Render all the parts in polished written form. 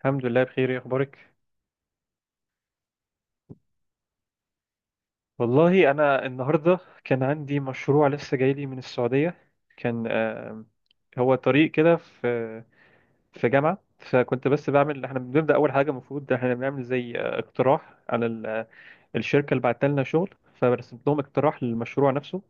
الحمد لله بخير، ايه اخبارك؟ والله انا النهارده كان عندي مشروع لسه جاي لي من السعوديه. كان هو طريق كده في جامعه. فكنت بس بعمل، احنا بنبدا اول حاجه المفروض احنا بنعمل زي اقتراح على الشركه اللي بعت لنا شغل. فرسمت لهم اقتراح للمشروع نفسه.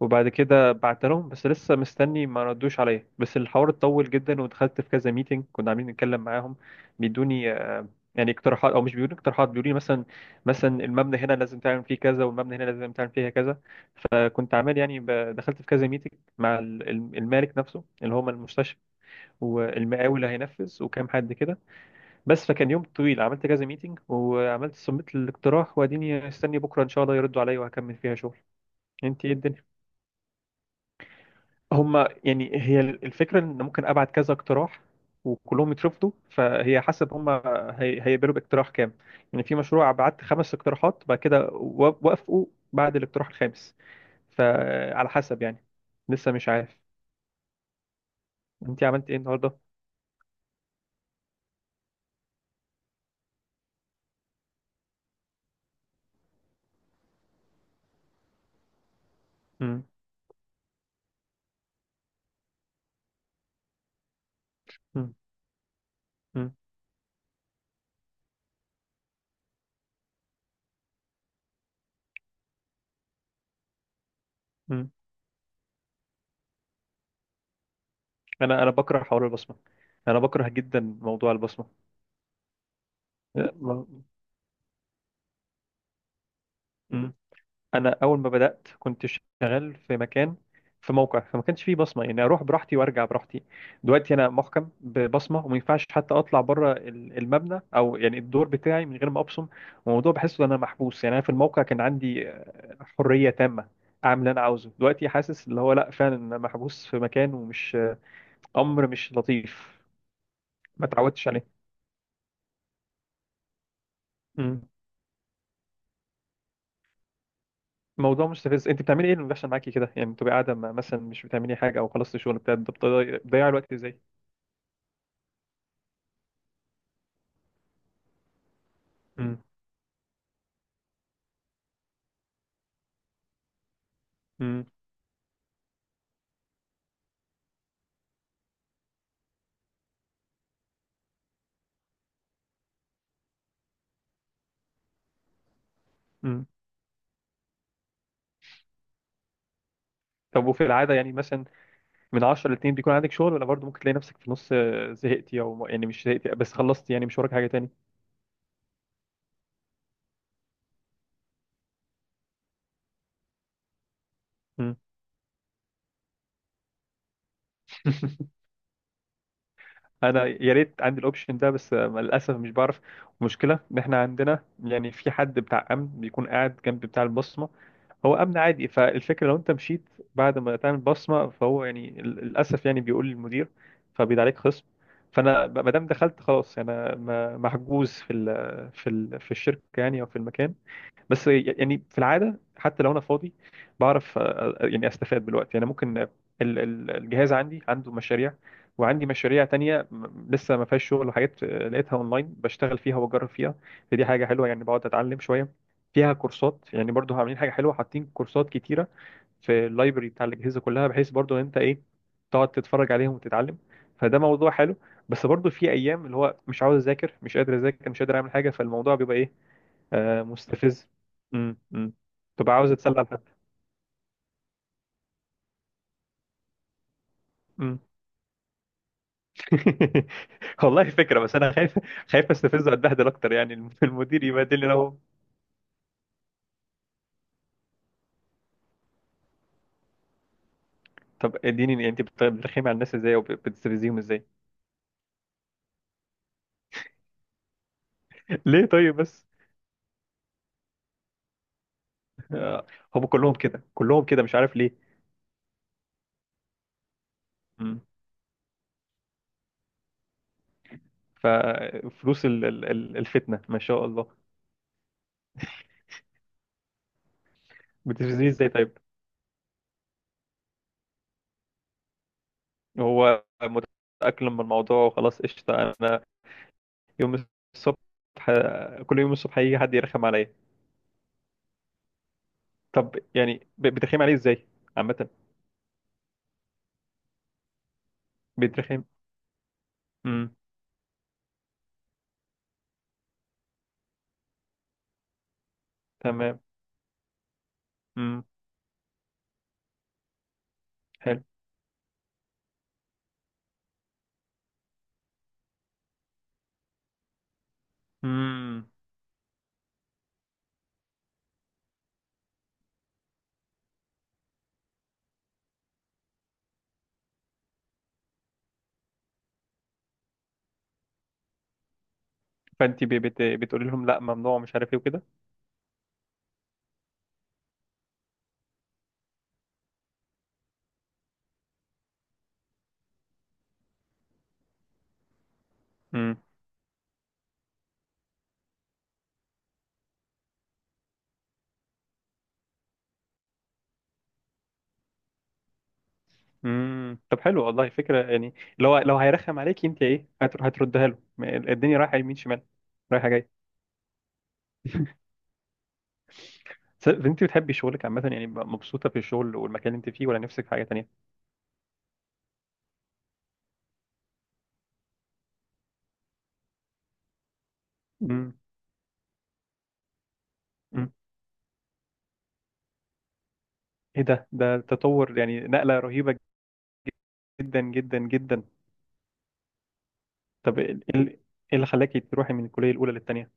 وبعد كده بعت لهم، بس لسه مستني، ما ردوش عليا. بس الحوار اتطول جدا، ودخلت في كذا ميتنج كنا عاملين نتكلم معاهم. بيدوني يعني اقتراحات، او مش بيدوني اقتراحات، بيقولوا لي مثلا، مثلا المبنى هنا لازم تعمل فيه كذا، والمبنى هنا لازم تعمل فيها كذا. فكنت عامل يعني دخلت في كذا ميتنج مع المالك نفسه اللي هو المستشفى، والمقاول اللي هينفذ، وكام حد كده. بس فكان يوم طويل، عملت كذا ميتنج وعملت سميت الاقتراح، واديني استني بكره ان شاء الله يردوا عليا وهكمل فيها شغل. انت ايه الدنيا؟ هما يعني، هي الفكرة إن ممكن أبعت كذا اقتراح وكلهم يترفضوا، فهي حسب هما هيقبلوا باقتراح كام. يعني في مشروع بعت خمس اقتراحات بعد كده وافقوا بعد الاقتراح الخامس. فعلى حسب يعني، لسه مش عارف. أنت عملت إيه النهاردة؟ مم. مم. مم. مم. أنا بكره حوار البصمة. أنا بكره جدا موضوع البصمة. لا. مم. انا اول ما بدات كنت شغال في مكان، في موقع فما كانش فيه بصمه، يعني اروح براحتي وارجع براحتي. دلوقتي انا محكم ببصمه، وما ينفعش حتى اطلع بره المبنى او يعني الدور بتاعي من غير ما ابصم. والموضوع بحسه ان انا محبوس. يعني انا في الموقع كان عندي حريه تامه اعمل اللي انا عاوزه. دلوقتي حاسس اللي هو لا، فعلا انا محبوس في مكان، ومش امر مش لطيف. ما اتعودتش عليه. مم. موضوع مستفز. انت بتعملي ايه اللي بيحصل معاكي كده؟ يعني بتبقي قاعده مثلا مش بتعملي حاجه، او خلصت الشغل بتاعك، بتضيع الوقت ازاي؟ مم. امم امم. طب وفي العادة يعني مثلا، من 10 ل 2 بيكون عندك شغل؟ ولا برضه ممكن تلاقي نفسك في النص زهقتي، او يعني مش زهقتي بس خلصتي يعني مش وراك حاجة تاني؟ امم. انا يا ريت عندي الاوبشن ده، بس للاسف مش بعرف. المشكلة ان احنا عندنا يعني في حد بتاع امن بيكون قاعد جنب بتاع البصمة. هو امن عادي، فالفكرة لو انت مشيت بعد ما تعمل بصمة فهو يعني للاسف يعني بيقول للمدير، فبيد عليك خصم. فانا ما دام دخلت خلاص، يعني انا محجوز في الشركة يعني، او في المكان. بس يعني في العاده حتى لو انا فاضي، بعرف يعني استفاد من الوقت. يعني ممكن الجهاز عندي عنده مشاريع. وعندي مشاريع تانية لسه ما فيهاش شغل، وحاجات لقيتها اونلاين بشتغل فيها وبجرب فيها. فدي حاجه حلوه، يعني بقعد اتعلم شويه. فيها كورسات، يعني برضو عاملين حاجه حلوه حاطين كورسات كتيره في اللايبرري بتاع الاجهزه كلها، بحيث برضو ان انت ايه، تقعد تتفرج عليهم وتتعلم. فده موضوع حلو. بس برضو في ايام اللي هو مش عاوز اذاكر، مش قادر اذاكر، مش قادر اعمل حاجه، فالموضوع بيبقى ايه. آه مستفز. امم. تبقى عاوز اتسلى لحد. امم. والله فكره، بس انا خايف. خايف استفز واتبهدل اكتر، يعني المدير يبهدلني لو. طب اديني انت بترخمي على الناس ازاي، او بتستفزيهم ازاي؟ ليه طيب بس؟ آه هم كلهم كده كلهم كده، مش عارف ليه. امم. ففلوس الفتنه ما شاء الله. بتستفزني ازاي طيب؟ هو متاقلم بالموضوع وخلاص قشطه. انا يوم الصبح كل يوم الصبح هيجي حد يرخم عليا. طب يعني بترخم عليه ازاي؟ عامة. بترخم. امم. تمام. امم. حلو. امم. فانت بتقولي لهم لا ممنوع، مش عارف ايه وكده. امم. امم. طب حلو والله فكرة يعني، لو هيرخم عليك انت ايه هتردها له؟ ما الدنيا رايحة يمين شمال، رايحة جاية. انت بتحبي شغلك عامة يعني، مبسوطة في الشغل والمكان اللي انت فيه؟ ولا نفسك في حاجة تانية؟ امم. امم. ايه ده تطور يعني، نقلة رهيبة جدا جدا جدا. طب ايه اللي خلاكي تروحي من الكلية الأولى للتانية؟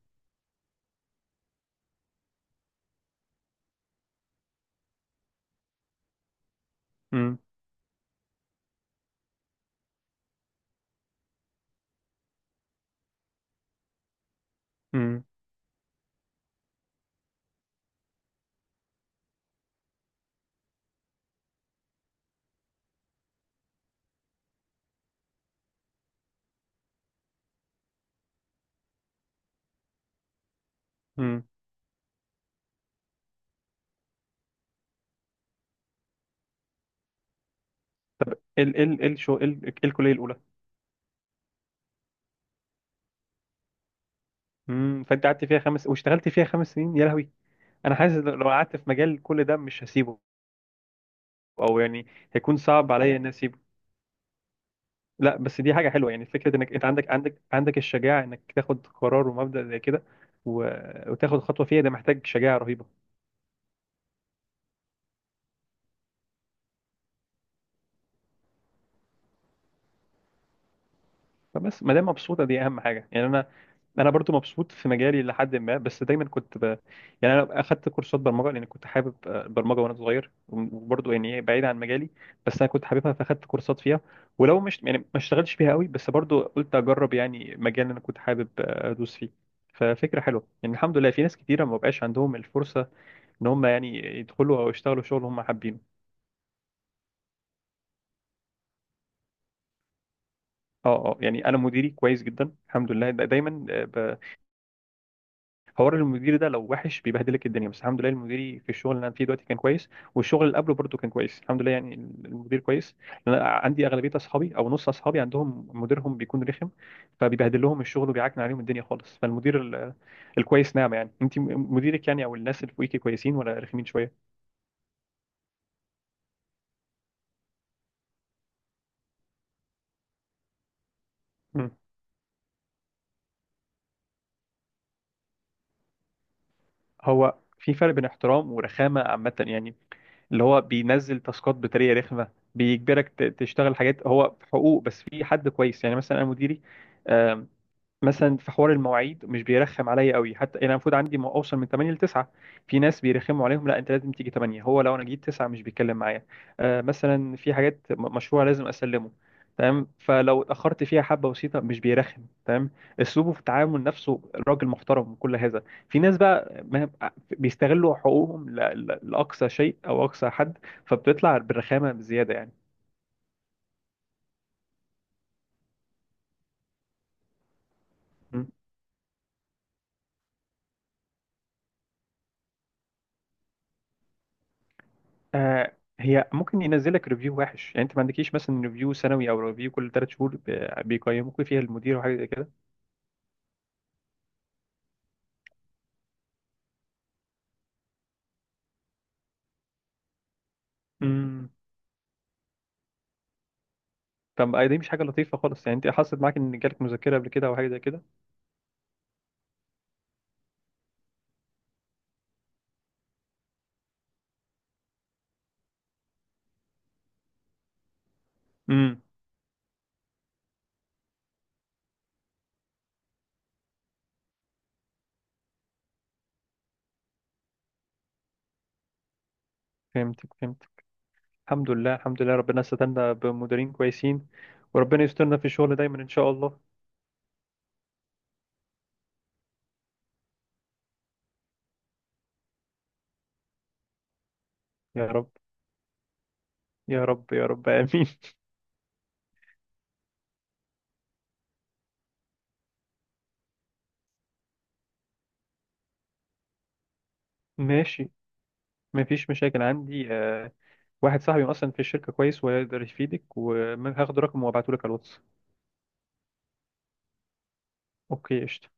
امم. امم. ال ال ال شو ال ال- الكليه الاولى. امم. فانت قعدت فيها خمس، واشتغلت فيها خمس سنين، يا لهوي. انا حاسس لو قعدت في مجال كل ده مش هسيبه. او يعني هيكون صعب عليا اني اسيبه. لا بس دي حاجه حلوه يعني، فكره انك انت عندك الشجاعه انك تاخد قرار ومبدا زي كده و... وتاخد خطوه فيها، ده محتاج شجاعه رهيبه. فبس ما دام مبسوطه دي اهم حاجه يعني، انا برضو مبسوط في مجالي لحد ما. بس دايما كنت يعني انا اخدت كورسات برمجه لان كنت حابب البرمجه وانا صغير. وبرضو يعني إيه بعيد عن مجالي، بس انا كنت حاببها فاخدت كورسات فيها. ولو مش يعني ما اشتغلتش فيها قوي بس برضو قلت اجرب يعني مجال اللي انا كنت حابب ادوس فيه. ففكره حلوه يعني، الحمد لله. في ناس كتيره ما بقاش عندهم الفرصه ان هم يعني يدخلوا او يشتغلوا شغل هم حابينه. اه اه يعني انا مديري كويس جدا الحمد لله. دايما حوار المدير ده لو وحش بيبهدلك الدنيا، بس الحمد لله المديري في الشغل اللي انا فيه دلوقتي كان كويس، والشغل اللي قبله برضه كان كويس الحمد لله يعني. المدير كويس، لأن انا عندي اغلبيه اصحابي او نص اصحابي عندهم مديرهم بيكون رخم، فبيبهدل لهم الشغل وبيعكن عليهم الدنيا خالص. فالمدير الكويس نعمه يعني. انت مديرك يعني او الناس اللي فوقيكي كويسين ولا رخمين شويه؟ مم. هو في فرق بين احترام ورخامه عامه يعني، اللي هو بينزل تاسكات بطريقه رخمه، بيجبرك تشتغل حاجات. هو حقوق، بس في حد كويس يعني مثلا انا مديري، مثلا في حوار المواعيد مش بيرخم عليا قوي حتى، يعني انا المفروض عندي اوصل من 8 ل 9. في ناس بيرخموا عليهم لا انت لازم تيجي 8، هو لو انا جيت 9 مش بيتكلم معايا. آه مثلا في حاجات مشروع لازم اسلمه تمام، فلو اتاخرت فيها حبه بسيطه مش بيرخم تمام. اسلوبه في التعامل نفسه، راجل محترم وكل هذا. في ناس بقى بيستغلوا حقوقهم لاقصى شيء او اقصى حد، فبتطلع بالرخامه بزياده يعني. آه هي ممكن ينزلك ريفيو وحش يعني، انت ما عندكيش مثلا ريفيو سنوي او ريفيو كل ثلاث شهور بيقيموك فيها المدير وحاجه زي كده؟ امم. طب دي مش حاجه لطيفه خالص يعني. انت حصلت معاك ان جالك مذكره قبل كده او حاجه زي كده؟ امم. فهمتك فهمتك. الحمد لله الحمد لله، ربنا استنى بمديرين كويسين، وربنا يسترنا في الشغل دايما ان شاء الله. يا رب يا رب يا رب امين. ماشي، ما فيش مشاكل عندي. واحد صاحبي اصلا في الشركه كويس ويقدر يفيدك، وهاخد رقمه وابعته لك على الواتس. اوكي قشطة.